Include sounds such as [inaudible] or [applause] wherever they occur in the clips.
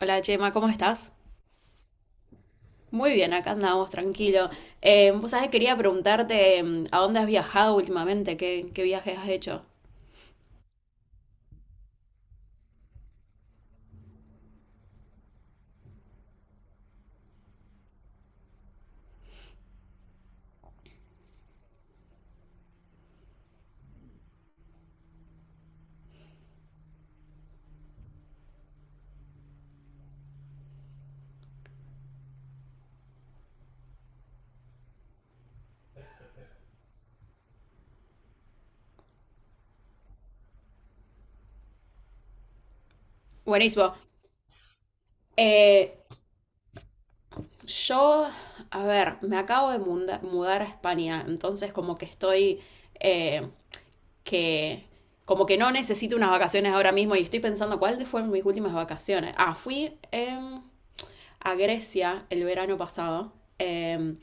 Hola Chema, ¿cómo estás? Muy bien, acá andamos, tranquilo. Vos sabés, quería preguntarte a dónde has viajado últimamente, qué viajes has hecho. Buenísimo. Eh, yo, a ver, me acabo de mudar a España, entonces como que eh, que, como que no necesito unas vacaciones ahora mismo y estoy pensando cuáles fueron mis últimas vacaciones. Ah, fui a Grecia el verano pasado. Eh,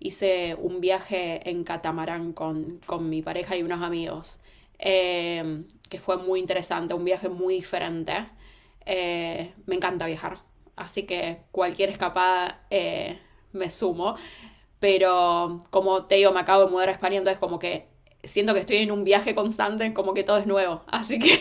Hice un viaje en catamarán con mi pareja y unos amigos, eh, que fue muy interesante, un viaje muy diferente. Me encanta viajar, así que cualquier escapada me sumo, pero como te digo, me acabo de mudar a España, entonces como que siento que estoy en un viaje constante, como que todo es nuevo, así que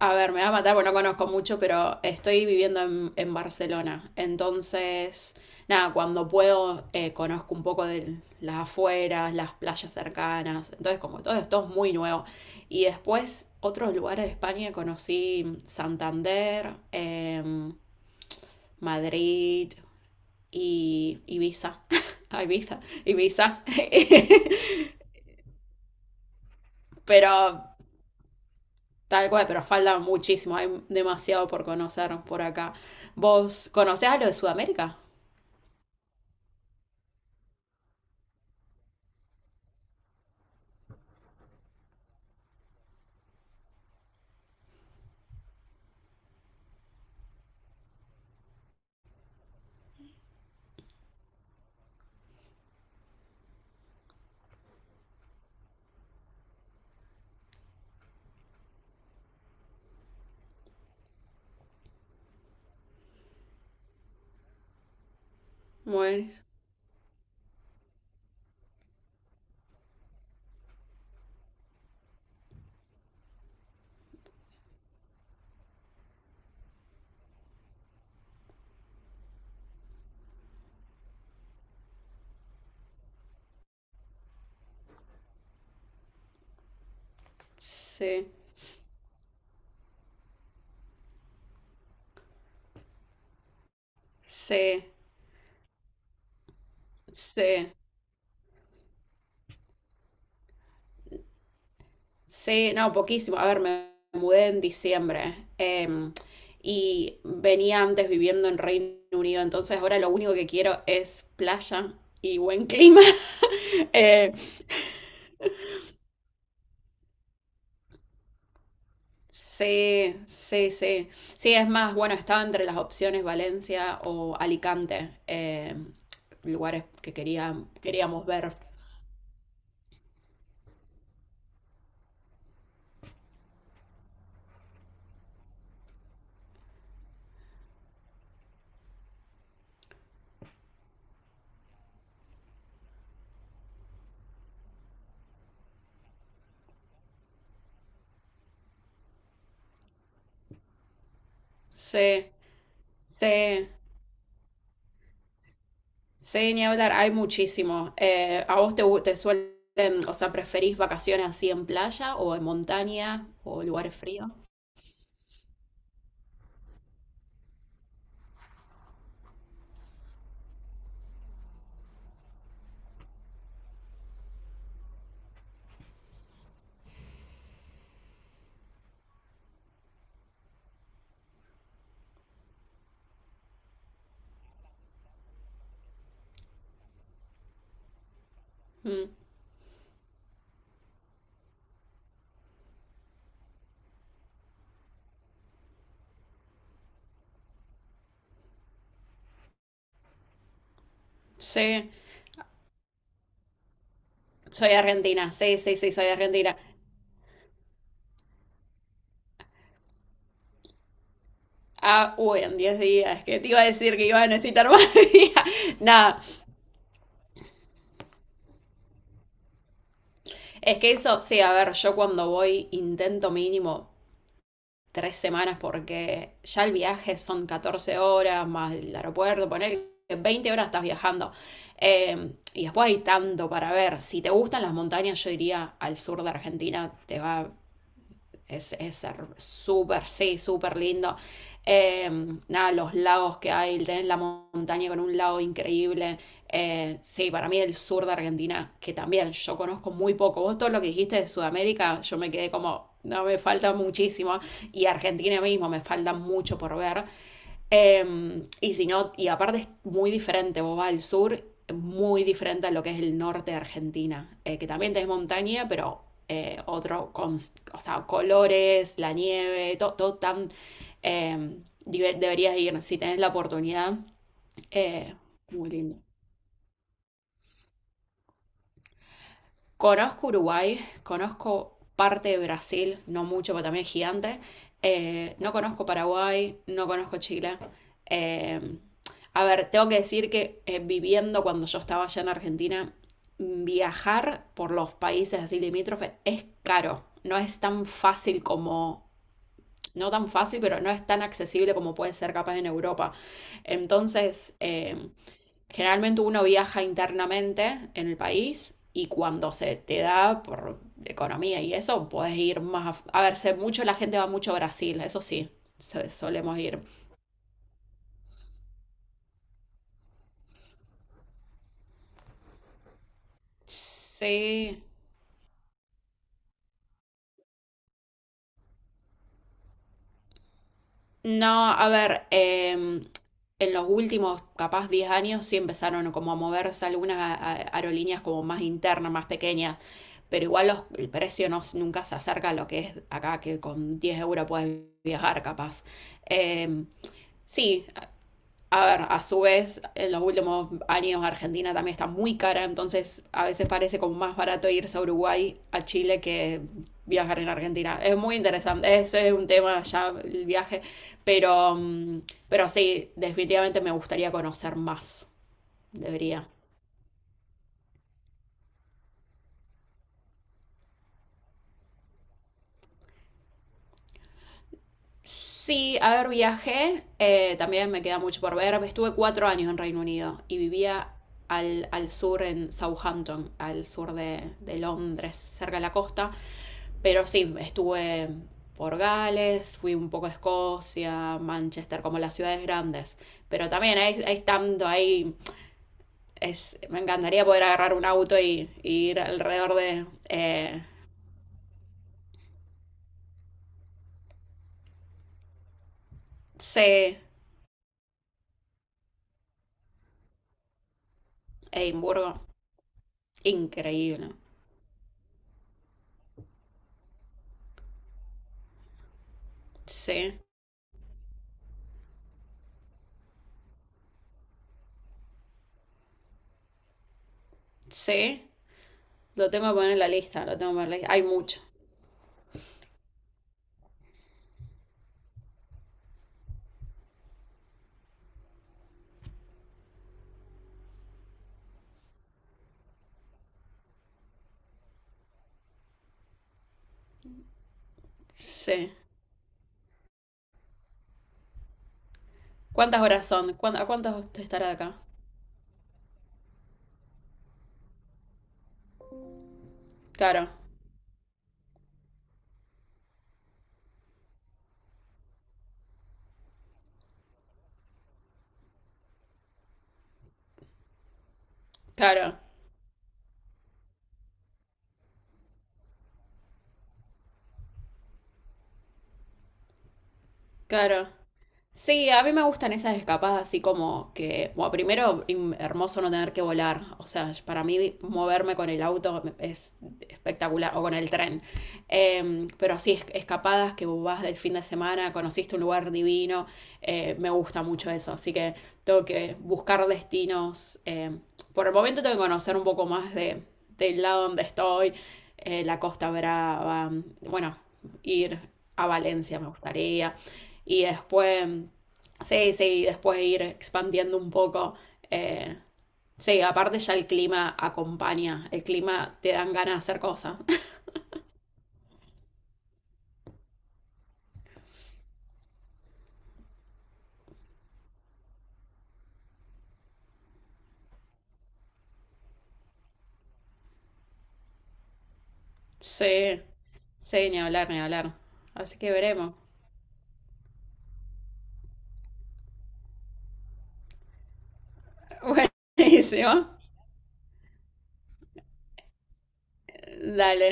a ver, me va a matar, bueno no conozco mucho, pero estoy viviendo en Barcelona. Entonces, nada, cuando puedo, conozco un poco de las afueras, las playas cercanas. Entonces, como todo esto es muy nuevo. Y después, otros lugares de España conocí Santander, Madrid y Ibiza. [laughs] Ah, Ibiza, Ibiza. [laughs] Pero tal cual, pero falta muchísimo, hay demasiado por conocer por acá. ¿Vos conocés a lo de Sudamérica? Bueno, sí, sí, sí, sí, no, poquísimo. A ver, me mudé en diciembre, y venía antes viviendo en Reino Unido, entonces ahora lo único que quiero es playa y buen clima. [laughs] Eh, sí, sí, sí. Sí, es más, bueno, estaba entre las opciones Valencia o Alicante, lugares que queríamos ver. Sí, sí, sí, ni hablar, hay muchísimo. ¿A vos te suelen, o sea, preferís vacaciones así en playa o en montaña o lugares fríos? Mm, sí, soy argentina, sí, sí, sí, soy argentina. Ah, uy, en 10 días, que te iba a decir que iba a necesitar más [laughs] días. Es que eso, sí, a ver, yo cuando voy intento mínimo 3 semanas porque ya el viaje son 14 horas más el aeropuerto, poner 20 horas estás viajando. Y después hay tanto para ver. Si te gustan las montañas, yo diría al sur de Argentina, te va es súper, sí, súper lindo. Eh, Nada, los lagos que hay, tenés la montaña con un lago increíble. Sí, para mí el sur de Argentina, que también yo conozco muy poco. Vos todo lo que dijiste de Sudamérica, yo me quedé como, no, me falta muchísimo. Y Argentina mismo, me falta mucho por ver. Y si no, y aparte es muy diferente, vos vas al sur muy diferente a lo que es el norte de Argentina, que también tenés montaña, pero o sea, colores, la nieve, todo, todo tan... eh, deberías ir, si tenés la oportunidad, eh, muy lindo. Conozco Uruguay, conozco parte de Brasil, no mucho, pero también es gigante. No conozco Paraguay, no conozco Chile. Eh, a ver, tengo que decir que viviendo cuando yo estaba allá en Argentina, viajar por los países así limítrofes es caro. No es tan fácil como, no tan fácil, pero no es tan accesible como puede ser capaz en Europa. Entonces, generalmente uno viaja internamente en el país y cuando se te da por economía y eso, puedes ir más... A, a ver, sé mucho, la gente va mucho a Brasil, eso sí, solemos ir. Sí. No, a ver, en los últimos, capaz 10 años, sí empezaron como a moverse algunas aerolíneas como más internas, más pequeñas, pero igual el precio no, nunca se acerca a lo que es acá, que con 10 euros puedes viajar capaz. Em, sí, a ver, a su vez, en los últimos años Argentina también está muy cara, entonces a veces parece como más barato irse a Uruguay, a Chile, que viajar en Argentina. Es muy interesante, eso es un tema ya, el viaje, pero, mm, pero sí, definitivamente me gustaría conocer más, debería. Sí, a ver, viajé, también me queda mucho por ver. Estuve 4 años en Reino Unido y vivía al sur, en Southampton, al sur de Londres, cerca de la costa. Pero sí, estuve por Gales, fui un poco a Escocia, Manchester, como las ciudades grandes. Pero también hay tanto, ahí es, me encantaría poder agarrar un auto y ir alrededor de sí, Edimburgo. Increíble. Sí, sí. Lo tengo que poner en la lista, lo tengo que poner en la lista. Hay mucho. Sí. ¿Cuántas horas son? ¿Cuán- ¿A cuántas estará de acá? Claro, claro, claro. Sí, a mí me gustan esas escapadas así como que, bueno, primero, im- hermoso no tener que volar. O sea, para mí moverme con el auto es espectacular, o con el tren. Pero así, escapadas que vas del fin de semana, conociste un lugar divino, me gusta mucho eso. Así que tengo que buscar destinos. Por el momento tengo que conocer un poco más de, del lado donde estoy, la Costa Brava, bueno, ir a Valencia me gustaría. Y después, sí, sí, después ir expandiendo un poco. eh, sí, aparte ya el clima acompaña, el clima te dan ganas de hacer cosas. [laughs] Sí, sí, ni hablar, ni hablar. Así que veremos. [laughs] Buenísimo. Dale.